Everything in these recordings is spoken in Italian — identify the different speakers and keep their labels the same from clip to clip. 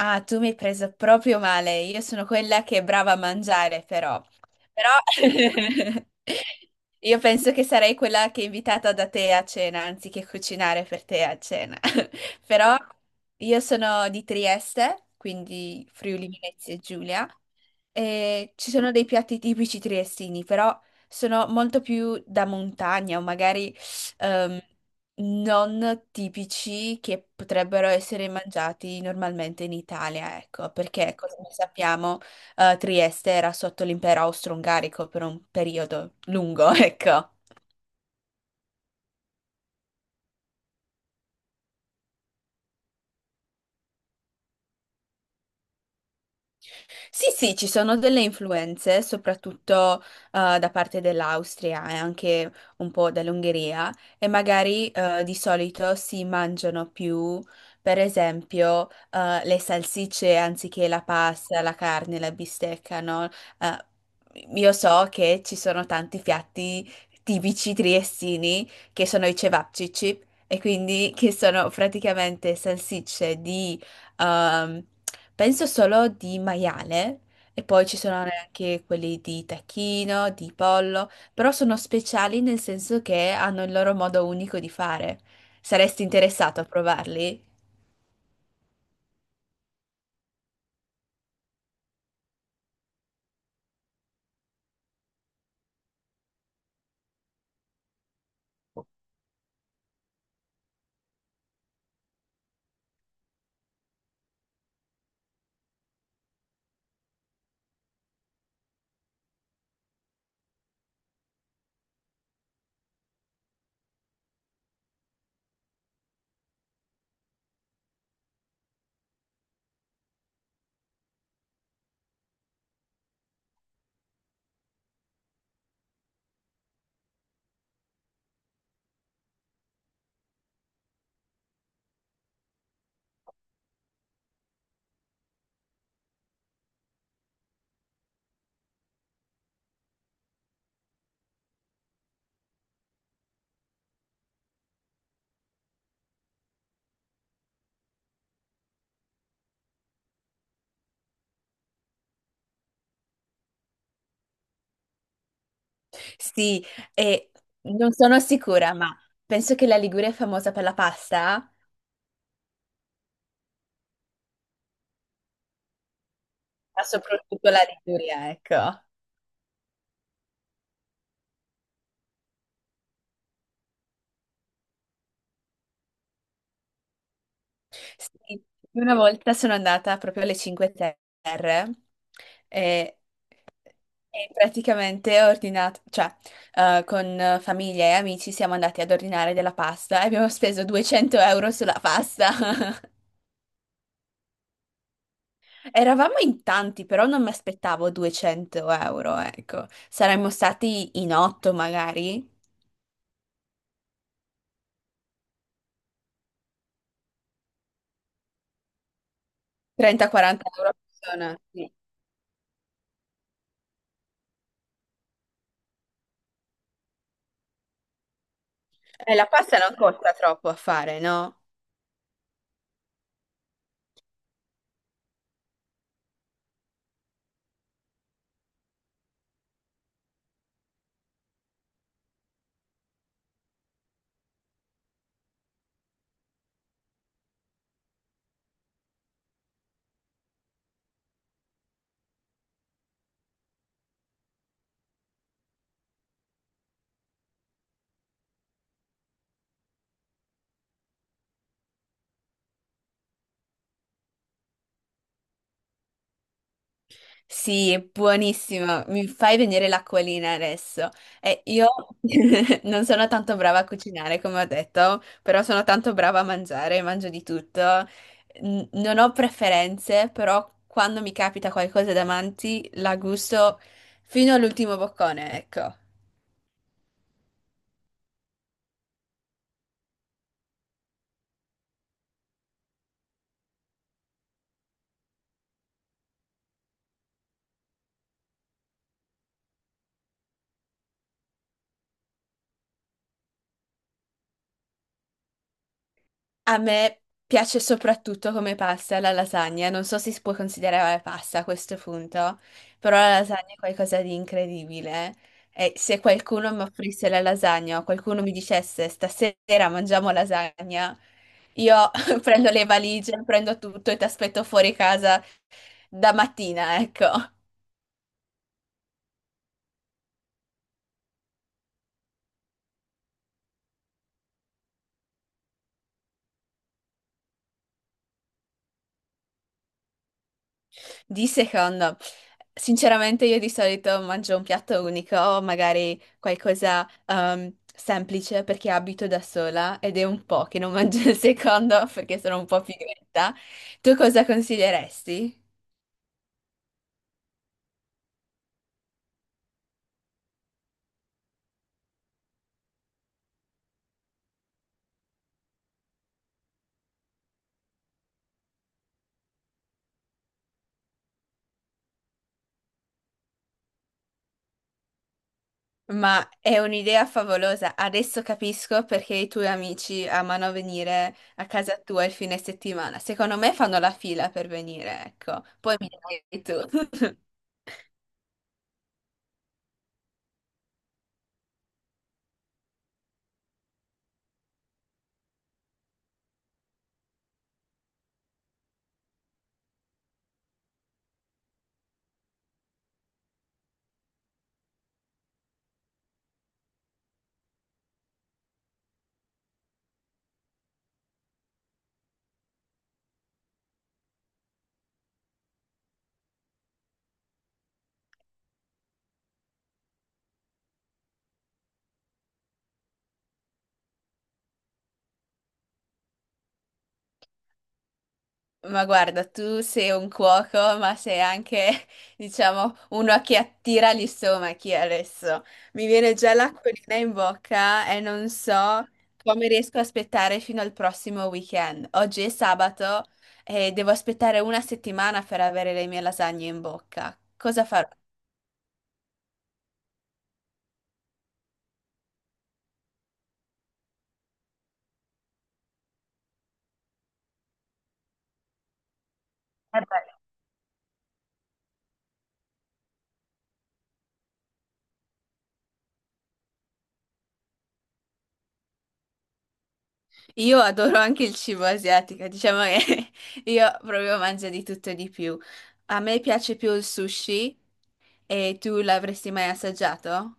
Speaker 1: Ah, tu mi hai preso proprio male. Io sono quella che è brava a mangiare, però. Però io penso che sarei quella che è invitata da te a cena, anziché cucinare per te a cena. Però io sono di Trieste, quindi Friuli Venezia Giulia, e ci sono dei piatti tipici triestini, però sono molto più da montagna o magari ehm, non tipici che potrebbero essere mangiati normalmente in Italia, ecco, perché come sappiamo, Trieste era sotto l'impero austro-ungarico per un periodo lungo, ecco. Sì, sì, ci sono delle influenze, soprattutto da parte dell'Austria e anche un po' dall'Ungheria, e magari di solito si mangiano più, per esempio, le salsicce anziché la pasta, la carne, la bistecca, no? Eh, io so che ci sono tanti piatti tipici triestini che sono i cevapcici, e quindi che sono praticamente salsicce di Ehm, penso solo di maiale e poi ci sono anche quelli di tacchino, di pollo, però sono speciali nel senso che hanno il loro modo unico di fare. Saresti interessato a provarli? Sì, e non sono sicura, ma penso che la Liguria è famosa per la pasta, ma soprattutto la Liguria, ecco. Sì, una volta sono andata proprio alle Cinque Terre. e E praticamente ho ordinato, cioè, con famiglia e amici siamo andati ad ordinare della pasta e abbiamo speso 200 euro sulla pasta. Eravamo in tanti, però non mi aspettavo 200 euro, ecco. Saremmo stati in 8 magari, 30-40 euro a persona. Sì. E la pasta non costa troppo a fare, no? Sì, è buonissimo, mi fai venire l'acquolina adesso. E io non sono tanto brava a cucinare, come ho detto, però sono tanto brava a mangiare, mangio di tutto. Non ho preferenze, però quando mi capita qualcosa davanti la gusto fino all'ultimo boccone, ecco. A me piace soprattutto come pasta la lasagna, non so se si può considerare pasta a questo punto, però la lasagna è qualcosa di incredibile. E se qualcuno mi offrisse la lasagna o qualcuno mi dicesse stasera mangiamo lasagna, io prendo le valigie, prendo tutto e ti aspetto fuori casa da mattina, ecco. Di secondo, sinceramente io di solito mangio un piatto unico o magari qualcosa semplice perché abito da sola ed è un po' che non mangio il secondo perché sono un po' pigretta. Tu cosa consiglieresti? Ma è un'idea favolosa. Adesso capisco perché i tuoi amici amano venire a casa tua il fine settimana. Secondo me fanno la fila per venire, ecco. Poi mi dai tu. Ma guarda, tu sei un cuoco, ma sei anche, diciamo, uno che attira gli stomachi adesso. Mi viene già l'acquolina in bocca e non so come riesco a aspettare fino al prossimo weekend. Oggi è sabato e devo aspettare una settimana per avere le mie lasagne in bocca. Cosa farò? Io adoro anche il cibo asiatico, diciamo che io proprio mangio di tutto e di più. A me piace più il sushi e tu l'avresti mai assaggiato?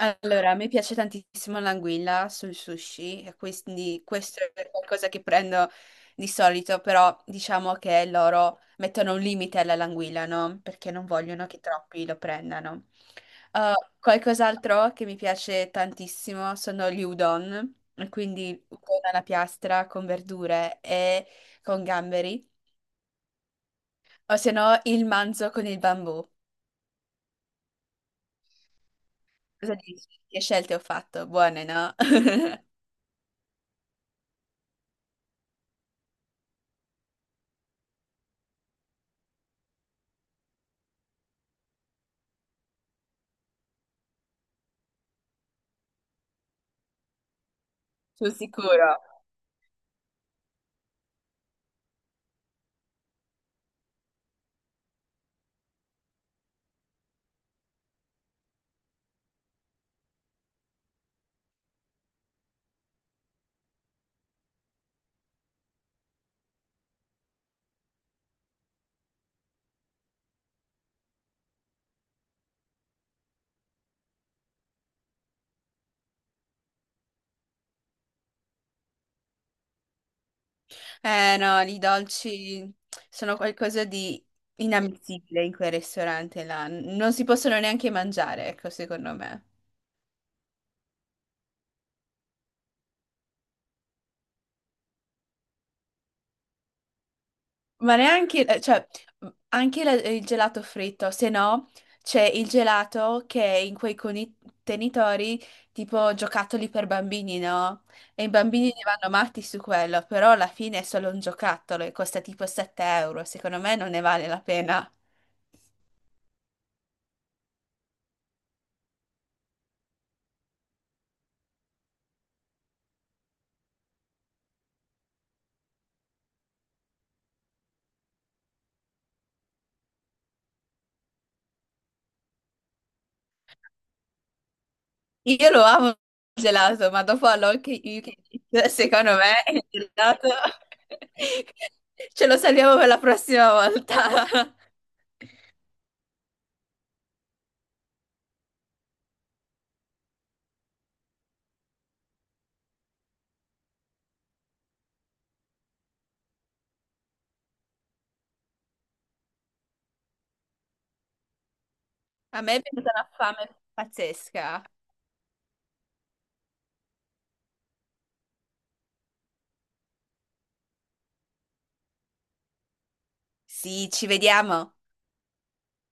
Speaker 1: Allora, a me piace tantissimo l'anguilla sul sushi, e quindi questo è qualcosa che prendo di solito, però diciamo che loro mettono un limite alla languilla, no? Perché non vogliono che troppi lo prendano. Uh, Qualcos'altro che mi piace tantissimo sono gli udon, e quindi udon alla piastra con verdure e con gamberi, o se no il manzo con il bambù. Cosa dici? Che scelte ho fatto? Buone, no? Sul sicuro. Eh no, i dolci sono qualcosa di inammissibile in quel ristorante là. Non si possono neanche mangiare, ecco, secondo me. Ma neanche, cioè, anche il gelato fritto, se no c'è il gelato che è in quei contenitori tipo giocattoli per bambini, no? E i bambini ne vanno matti su quello, però alla fine è solo un giocattolo e costa tipo 7 euro, secondo me non ne vale la pena. Io lo amo il gelato, ma dopo all'all che you can eat, secondo me il gelato ce lo salviamo per la prossima volta. A me è venuta una fame pazzesca. Sì, ci vediamo.